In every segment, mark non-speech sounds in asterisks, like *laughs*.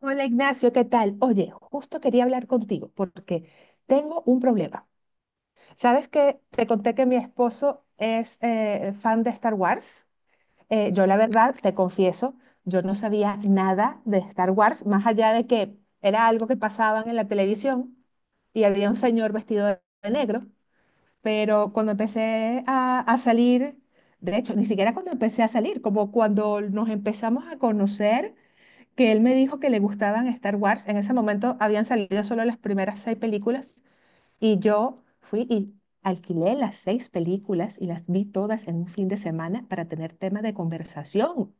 Hola Ignacio, ¿qué tal? Oye, justo quería hablar contigo porque tengo un problema. ¿Sabes que te conté que mi esposo es fan de Star Wars? Yo la verdad, te confieso, yo no sabía nada de Star Wars, más allá de que era algo que pasaban en la televisión y había un señor vestido de negro, pero cuando empecé a salir, de hecho, ni siquiera cuando empecé a salir, como cuando nos empezamos a conocer que él me dijo que le gustaban Star Wars. En ese momento habían salido solo las primeras seis películas y yo fui y alquilé las seis películas y las vi todas en un fin de semana para tener tema de conversación.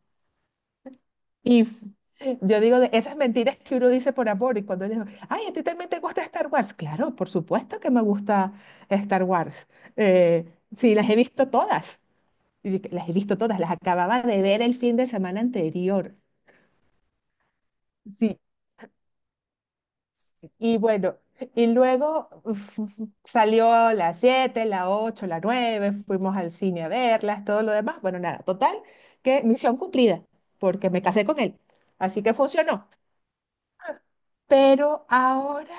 Y yo digo de esas mentiras que uno dice por amor y cuando digo, ay, ¿a ti también te gusta Star Wars? Claro, por supuesto que me gusta Star Wars. Eh, sí, las he visto todas. Y yo, las he visto todas, las acababa de ver el fin de semana anterior. Sí. Y bueno, y luego *laughs* uf, uf, salió a las siete, las ocho, las nueve, fuimos al cine a verlas, todo lo demás. Bueno, nada, total, que misión cumplida, porque me casé con él. Así que funcionó. Pero ahora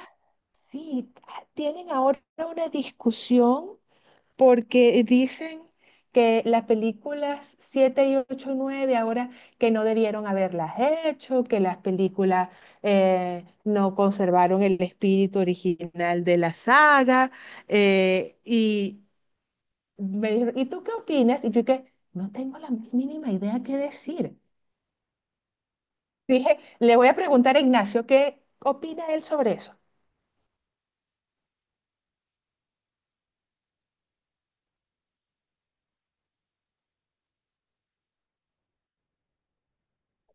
sí, tienen ahora una discusión porque dicen que las películas 7 y 8 y nueve ahora que no debieron haberlas hecho, que las películas no conservaron el espíritu original de la saga. Y me dijeron, ¿y tú qué opinas? Y yo que no tengo la más mínima idea qué decir. Dije, le voy a preguntar a Ignacio qué opina él sobre eso.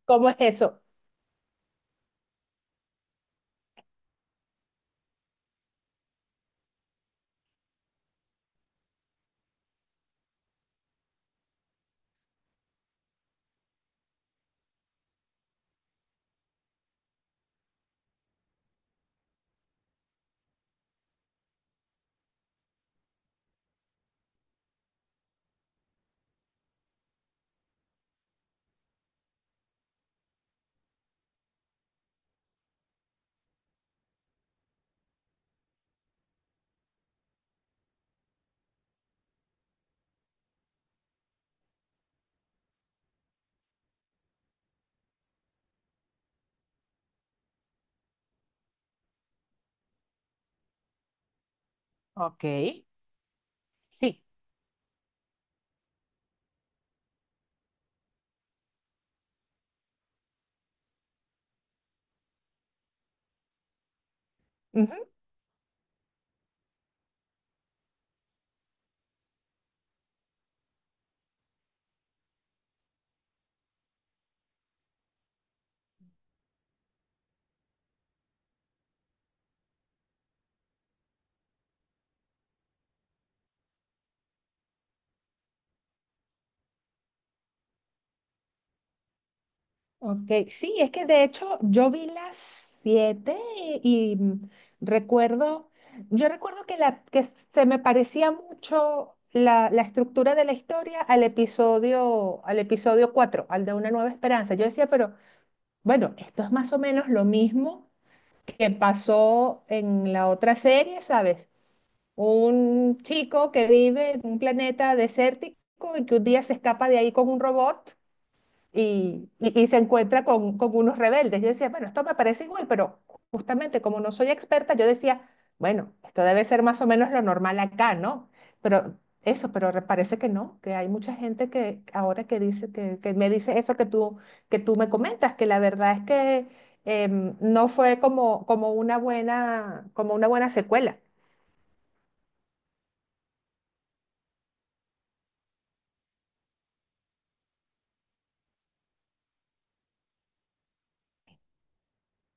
¿Cómo es eso? Ok, sí. Ok, sí, es que de hecho yo vi las siete y, recuerdo, yo recuerdo que, que se me parecía mucho la estructura de la historia al episodio 4, al de Una Nueva Esperanza. Yo decía, pero bueno, esto es más o menos lo mismo que pasó en la otra serie, ¿sabes? Un chico que vive en un planeta desértico y que un día se escapa de ahí con un robot y se encuentra con unos rebeldes. Yo decía, bueno, esto me parece igual, pero justamente como no soy experta, yo decía, bueno, esto debe ser más o menos lo normal acá, ¿no? Pero pero parece que no, que hay mucha gente que ahora que dice, que me dice eso que tú me comentas, que la verdad es que no fue como, como una buena secuela.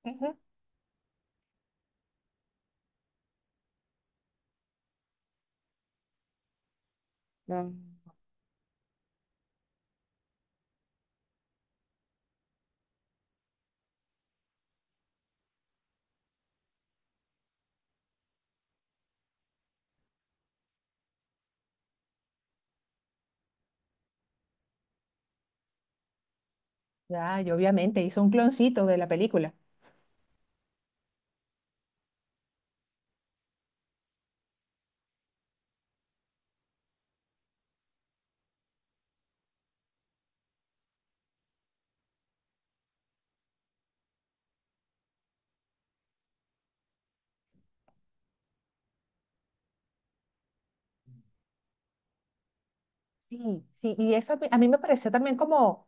Ujú. No. Ya, y obviamente hizo un cloncito de la película. Sí, sí, y eso a mí me pareció también como,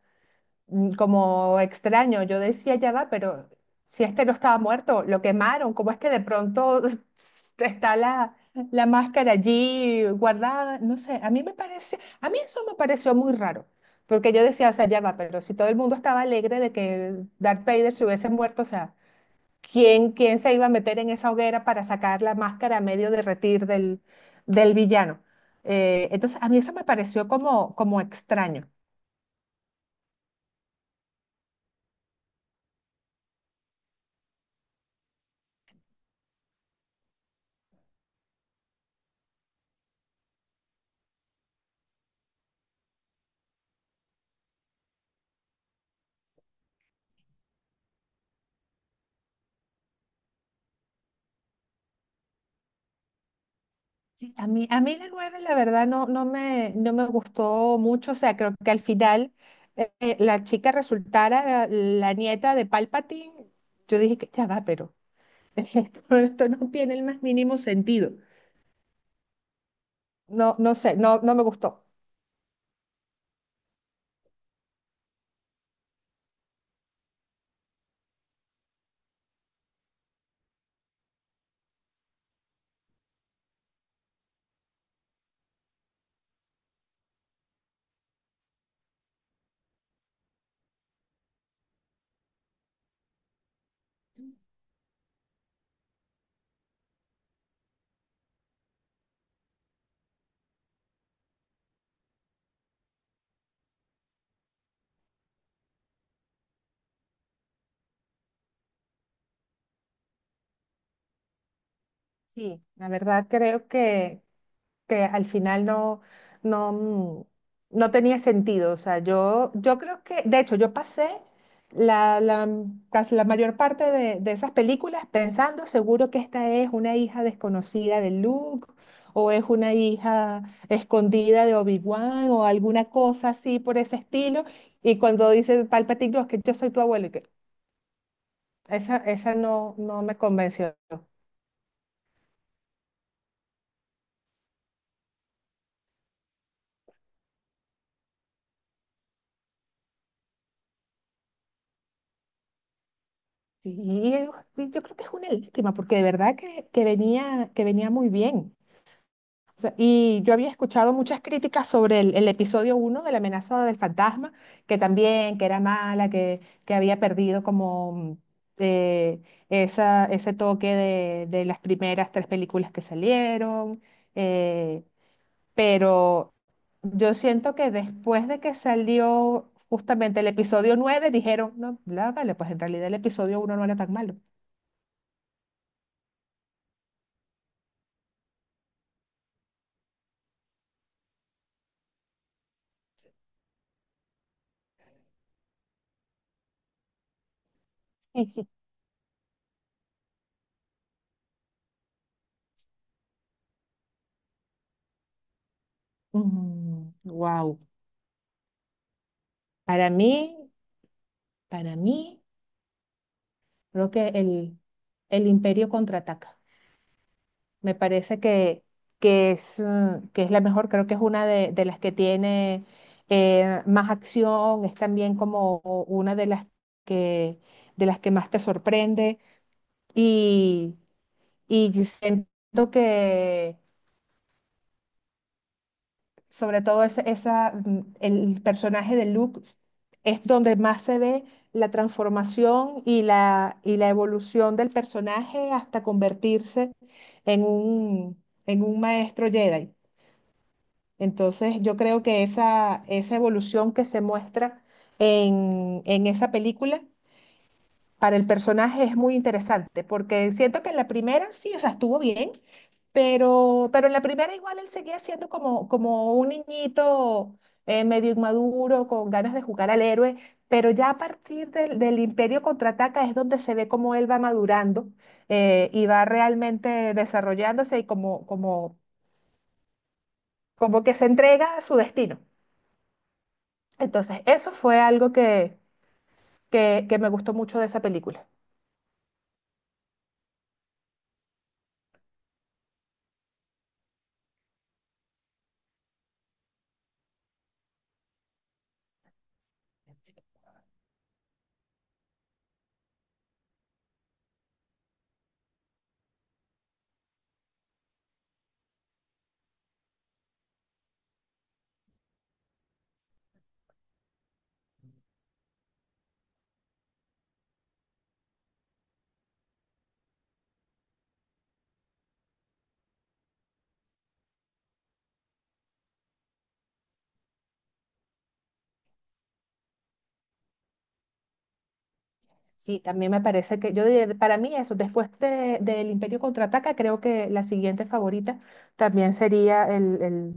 mm, como extraño. Yo decía, ya va, pero si este no estaba muerto, lo quemaron, ¿cómo es que de pronto *laughs* está la, la máscara allí guardada? No sé, a mí me pareció, a mí eso me pareció muy raro, porque yo decía, o sea, ya va, pero si todo el mundo estaba alegre de que Darth Vader se hubiese muerto, o sea, ¿quién, quién se iba a meter en esa hoguera para sacar la máscara a medio derretir del, del villano? Entonces, a mí eso me pareció como extraño. A mí la nueve, la verdad, no, no me gustó mucho. O sea, creo que al final la chica resultara la, la nieta de Palpatine. Yo dije que ya va, pero *laughs* esto no tiene el más mínimo sentido. No, no sé, no me gustó. Sí, la verdad creo que al final no, mm, no tenía sentido. O sea, yo creo que, de hecho, yo pasé la, casi la mayor parte de esas películas pensando seguro que esta es una hija desconocida de Luke o es una hija escondida de Obi-Wan o alguna cosa así por ese estilo. Y cuando dice Palpatine, "No, es que yo soy tu abuelo", y que esa no, no me convenció. Sí, yo creo que es una lástima, porque de verdad que venía muy bien. O sea, y yo había escuchado muchas críticas sobre el episodio uno de La Amenaza del Fantasma, que también, que era mala, que había perdido como eh, esa, ese toque de las primeras tres películas que salieron. eh, pero yo siento que después de que salió justamente el episodio 9 dijeron, no, vale, pues en realidad el episodio uno no era tan malo. *laughs* Wow. Para mí, para mí, creo que el Imperio Contraataca. Me parece que es la mejor, creo que es una de las que tiene más acción, es también como una que, de las que más te sorprende. Y, y siento que sobre todo esa, el personaje de Luke es donde más se ve la transformación y la evolución del personaje hasta convertirse en un maestro Jedi. Entonces yo creo que esa evolución que se muestra en esa película para el personaje es muy interesante, porque siento que en la primera sí, o sea, estuvo bien, pero en la primera igual él seguía siendo como, como un niñito medio inmaduro, con ganas de jugar al héroe, pero ya a partir del, del Imperio Contraataca es donde se ve cómo él va madurando, y va realmente desarrollándose y como que se entrega a su destino. Entonces, eso fue algo que me gustó mucho de esa película. Sí, también me parece que yo diría, para mí eso, después del Imperio Contraataca, creo que la siguiente favorita también sería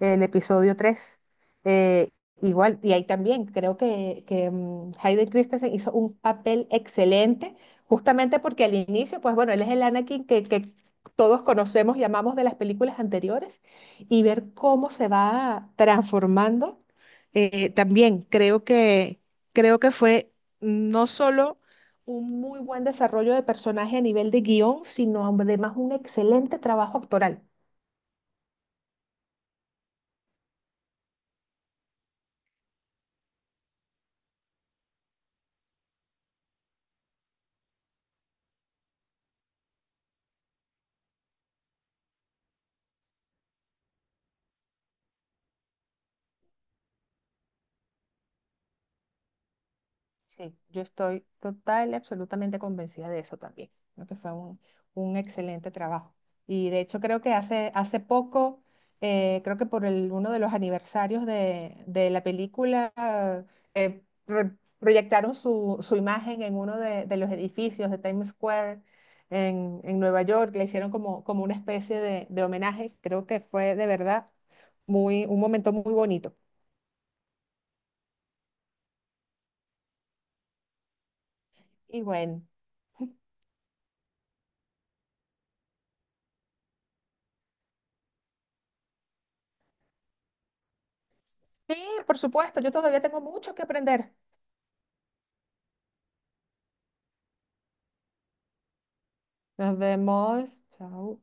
el episodio 3 eh, igual, y ahí también creo que Hayden Christensen hizo un papel excelente, justamente porque al inicio, pues bueno, él es el Anakin que todos conocemos y amamos de las películas anteriores, y ver cómo se va transformando, también creo que fue no solo un muy buen desarrollo de personaje a nivel de guión, sino además un excelente trabajo actoral. Sí, yo estoy total y absolutamente convencida de eso también. Creo que fue un excelente trabajo. Y de hecho creo que hace, hace poco, creo que por uno de los aniversarios de la película, eh, pro- proyectaron su, su imagen en uno de los edificios de Times Square en Nueva York. Le hicieron como, como una especie de homenaje. Creo que fue de verdad un momento muy bonito. Y bueno, sí, por supuesto, yo todavía tengo mucho que aprender. Nos vemos. Chao.